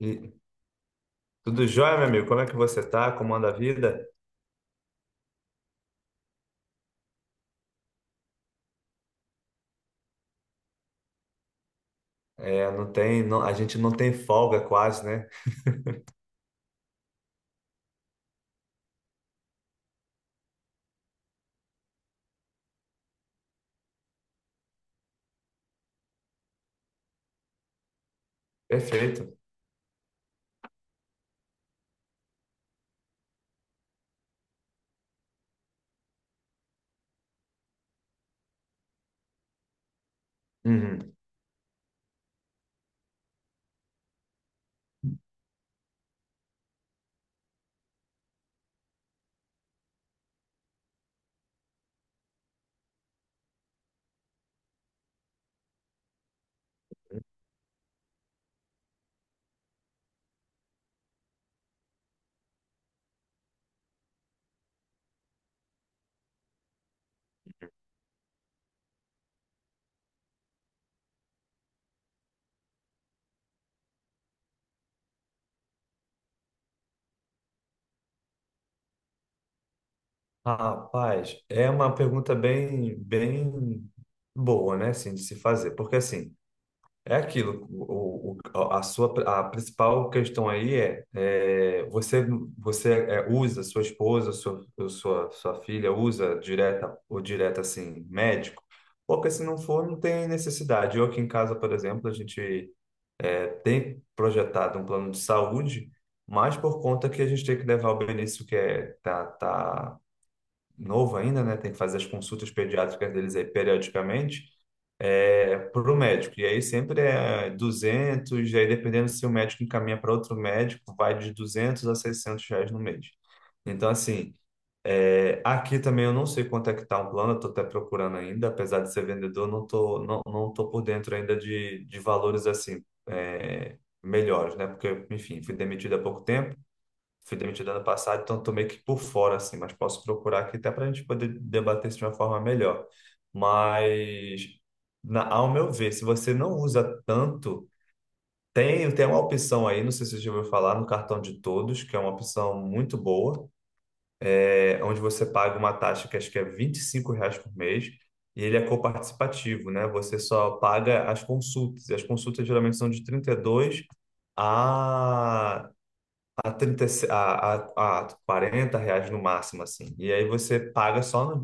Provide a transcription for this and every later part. E tudo jóia, meu amigo? Como é que você tá? Como anda a vida? É, não tem, não- a gente não tem folga quase, né? Perfeito. Uhum. Rapaz, é uma pergunta bem, bem boa, né, assim, de se fazer, porque assim, é aquilo, a sua, a principal questão aí é, você usa sua esposa, sua filha usa direta ou direta, assim, médico? Porque se não for, não tem necessidade. Eu aqui em casa, por exemplo, a gente tem projetado um plano de saúde, mas por conta que a gente tem que levar o Benício, que tá novo ainda, né? Tem que fazer as consultas pediátricas deles aí periodicamente, para o médico. E aí sempre é 200, e aí dependendo se o médico encaminha para outro médico, vai de R$ 200 a R$ 600 no mês. Então, assim, aqui também eu não sei quanto é que tá o plano, eu tô até procurando ainda, apesar de ser vendedor, não tô por dentro ainda de valores assim, melhores, né? Porque, enfim, fui demitido há pouco tempo, fui demitido ano passado, então tô meio que por fora, assim, mas posso procurar aqui até para a gente poder debater isso de uma forma melhor. Mas, ao meu ver, se você não usa tanto, tem uma opção aí, não sei se você já ouviu falar, no cartão de todos, que é uma opção muito boa, onde você paga uma taxa que acho que é R$ 25 por mês e ele é coparticipativo, né? Você só paga as consultas. E as consultas geralmente são de 32 a, 30, a R$ 40 no máximo, assim. E aí você paga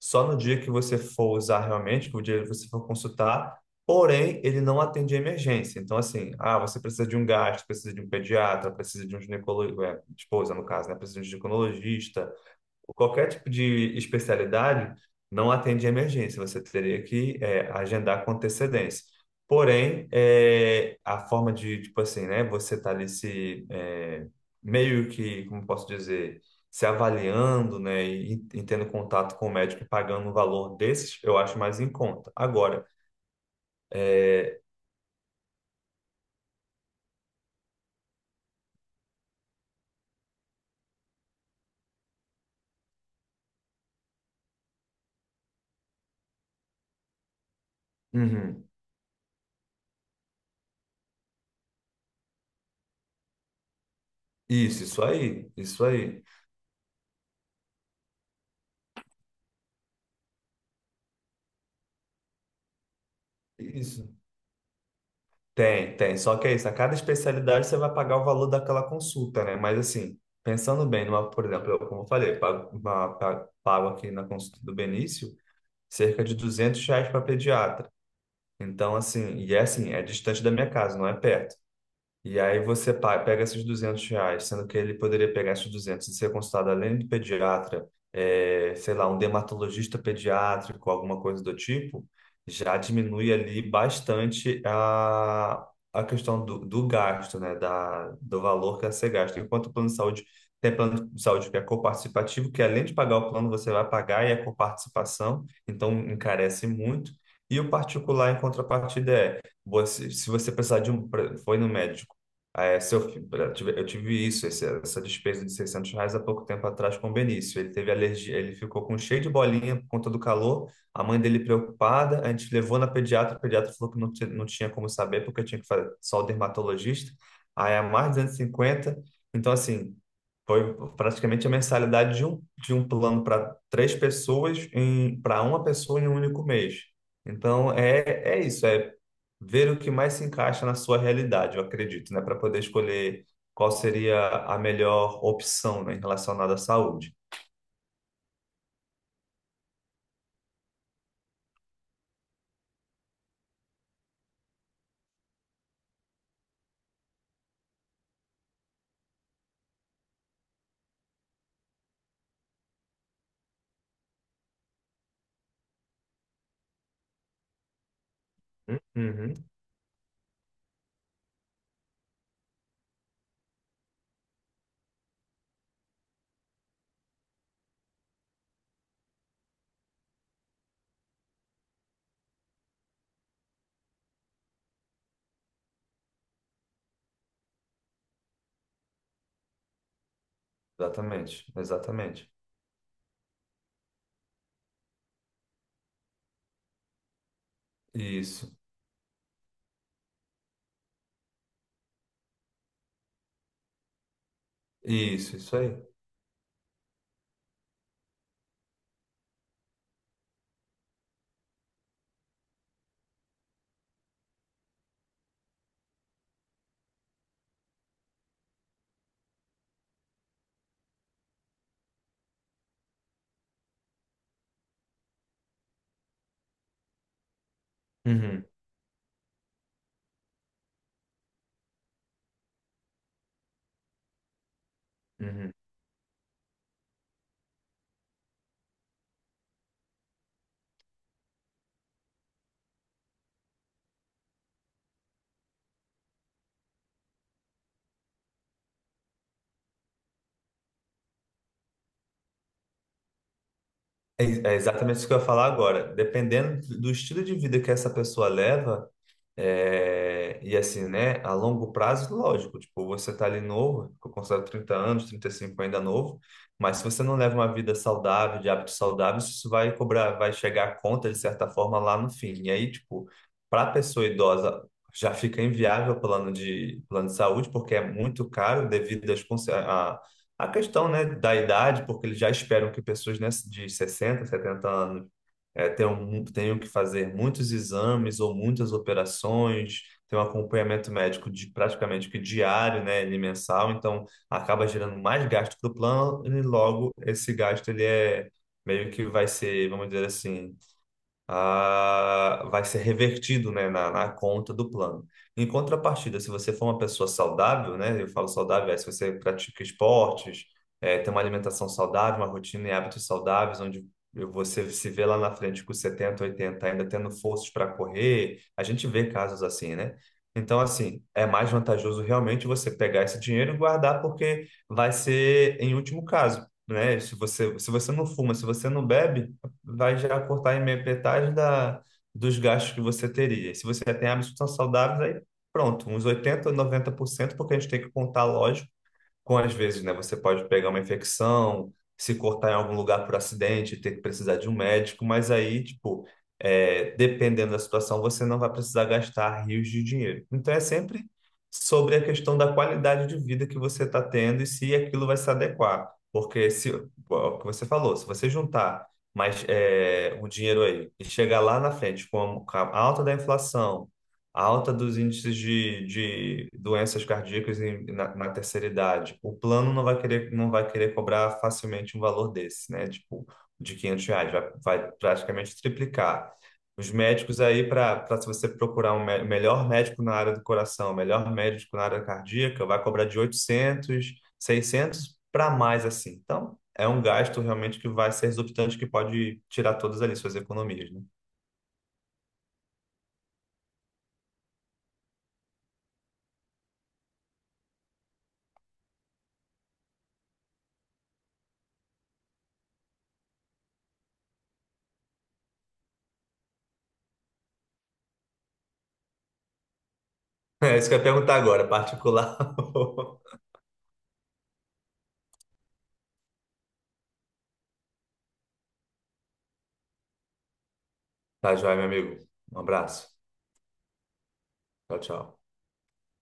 só no dia que você for usar realmente, que o dia que você for consultar, porém ele não atende a emergência. Então, assim, você precisa de um gastro, precisa de um pediatra, precisa de um ginecologia, esposa no caso, né? Precisa de um ginecologista. Qualquer tipo de especialidade não atende emergência, você teria que agendar com antecedência. Porém, a forma de, tipo assim, né, você tá ali se, meio que, como posso dizer, se avaliando, né, e tendo contato com o médico e pagando um valor desses, eu acho mais em conta. Agora, é, uhum. Isso aí, isso aí. Isso. Tem, tem. Só que é isso, a cada especialidade você vai pagar o valor daquela consulta, né? Mas assim, pensando bem, por exemplo, eu, como eu falei, pago aqui na consulta do Benício cerca de R$ 200 para pediatra. Então, assim, e é assim, é distante da minha casa, não é perto. E aí você pega esses R$ 200, sendo que ele poderia pegar esses 200, e ser consultado além do pediatra, sei lá, um dermatologista pediátrico, alguma coisa do tipo, já diminui ali bastante a questão do gasto, né? Do valor que a ser gasto. Enquanto o plano de saúde tem plano de saúde que é coparticipativo, que além de pagar o plano, você vai pagar e é coparticipação, então encarece muito. E o particular, em contrapartida, é se você precisar de um, foi no médico. É, se eu, fi- eu tive isso, essa despesa de R$ 600 há pouco tempo atrás com o Benício. Ele teve alergia, ele ficou com cheio de bolinha por conta do calor, a mãe dele preocupada, a gente levou na pediatra, o pediatra falou que não, não tinha como saber porque tinha que fazer só o dermatologista, aí é mais 250, então assim, foi praticamente a mensalidade de um plano para 3 pessoas, para uma pessoa em um único mês. Então é isso, é ver o que mais se encaixa na sua realidade, eu acredito, né? Para poder escolher qual seria a melhor opção, né, relacionada à saúde. Hum. Uhum. Exatamente, exatamente. Isso, isso aí. Uhum, uhum. É, é, exatamente isso que eu ia falar agora. Dependendo do estilo de vida que essa pessoa leva. É, e assim, né, a longo prazo, lógico, tipo, você tá ali novo, eu considero 30 anos, 35 ainda novo, mas se você não leva uma vida saudável, de hábitos saudáveis, isso vai cobrar, vai chegar à conta, de certa forma, lá no fim. E aí, tipo, para a pessoa idosa, já fica inviável o plano de saúde, porque é muito caro devido às, a questão, né, da idade, porque eles já esperam que pessoas, né, de 60, 70 anos tenho que fazer muitos exames ou muitas operações, tenho um acompanhamento médico de praticamente que diário, né, ele mensal, então acaba gerando mais gasto para o plano e logo esse gasto ele é meio que vai ser, vamos dizer assim, vai ser revertido, né, na conta do plano. Em contrapartida, se você for uma pessoa saudável, né, eu falo saudável, é se você pratica esportes, tem uma alimentação saudável, uma rotina e hábitos saudáveis, onde você se vê lá na frente com 70, 80, ainda tendo forças para correr, a gente vê casos assim, né? Então, assim, é mais vantajoso realmente você pegar esse dinheiro e guardar, porque vai ser em último caso, né? Se você não fuma, se você não bebe, vai já cortar em metade dos gastos que você teria. E se você já tem hábitos que são saudáveis, aí pronto, uns 80, 90%, porque a gente tem que contar, lógico, com às vezes, né, você pode pegar uma infecção, se cortar em algum lugar por acidente, ter que precisar de um médico, mas aí, tipo, dependendo da situação, você não vai precisar gastar rios de dinheiro. Então é sempre sobre a questão da qualidade de vida que você está tendo e se aquilo vai se adequar. Porque se, o que você falou, se você juntar mais o dinheiro aí e chegar lá na frente com a alta da inflação, a alta dos índices de doenças cardíacas na terceira idade. O plano não vai querer cobrar facilmente um valor desse, né? Tipo, de R$ 500, vai praticamente triplicar. Os médicos aí, para se você procurar um melhor médico na área do coração, melhor médico na área cardíaca, vai cobrar de 800, 600 para mais assim. Então, é um gasto realmente que vai ser exorbitante, que pode tirar todas ali suas economias, né? É isso que eu ia perguntar agora, particular. Tá joia, meu amigo. Um abraço. Tchau, tchau.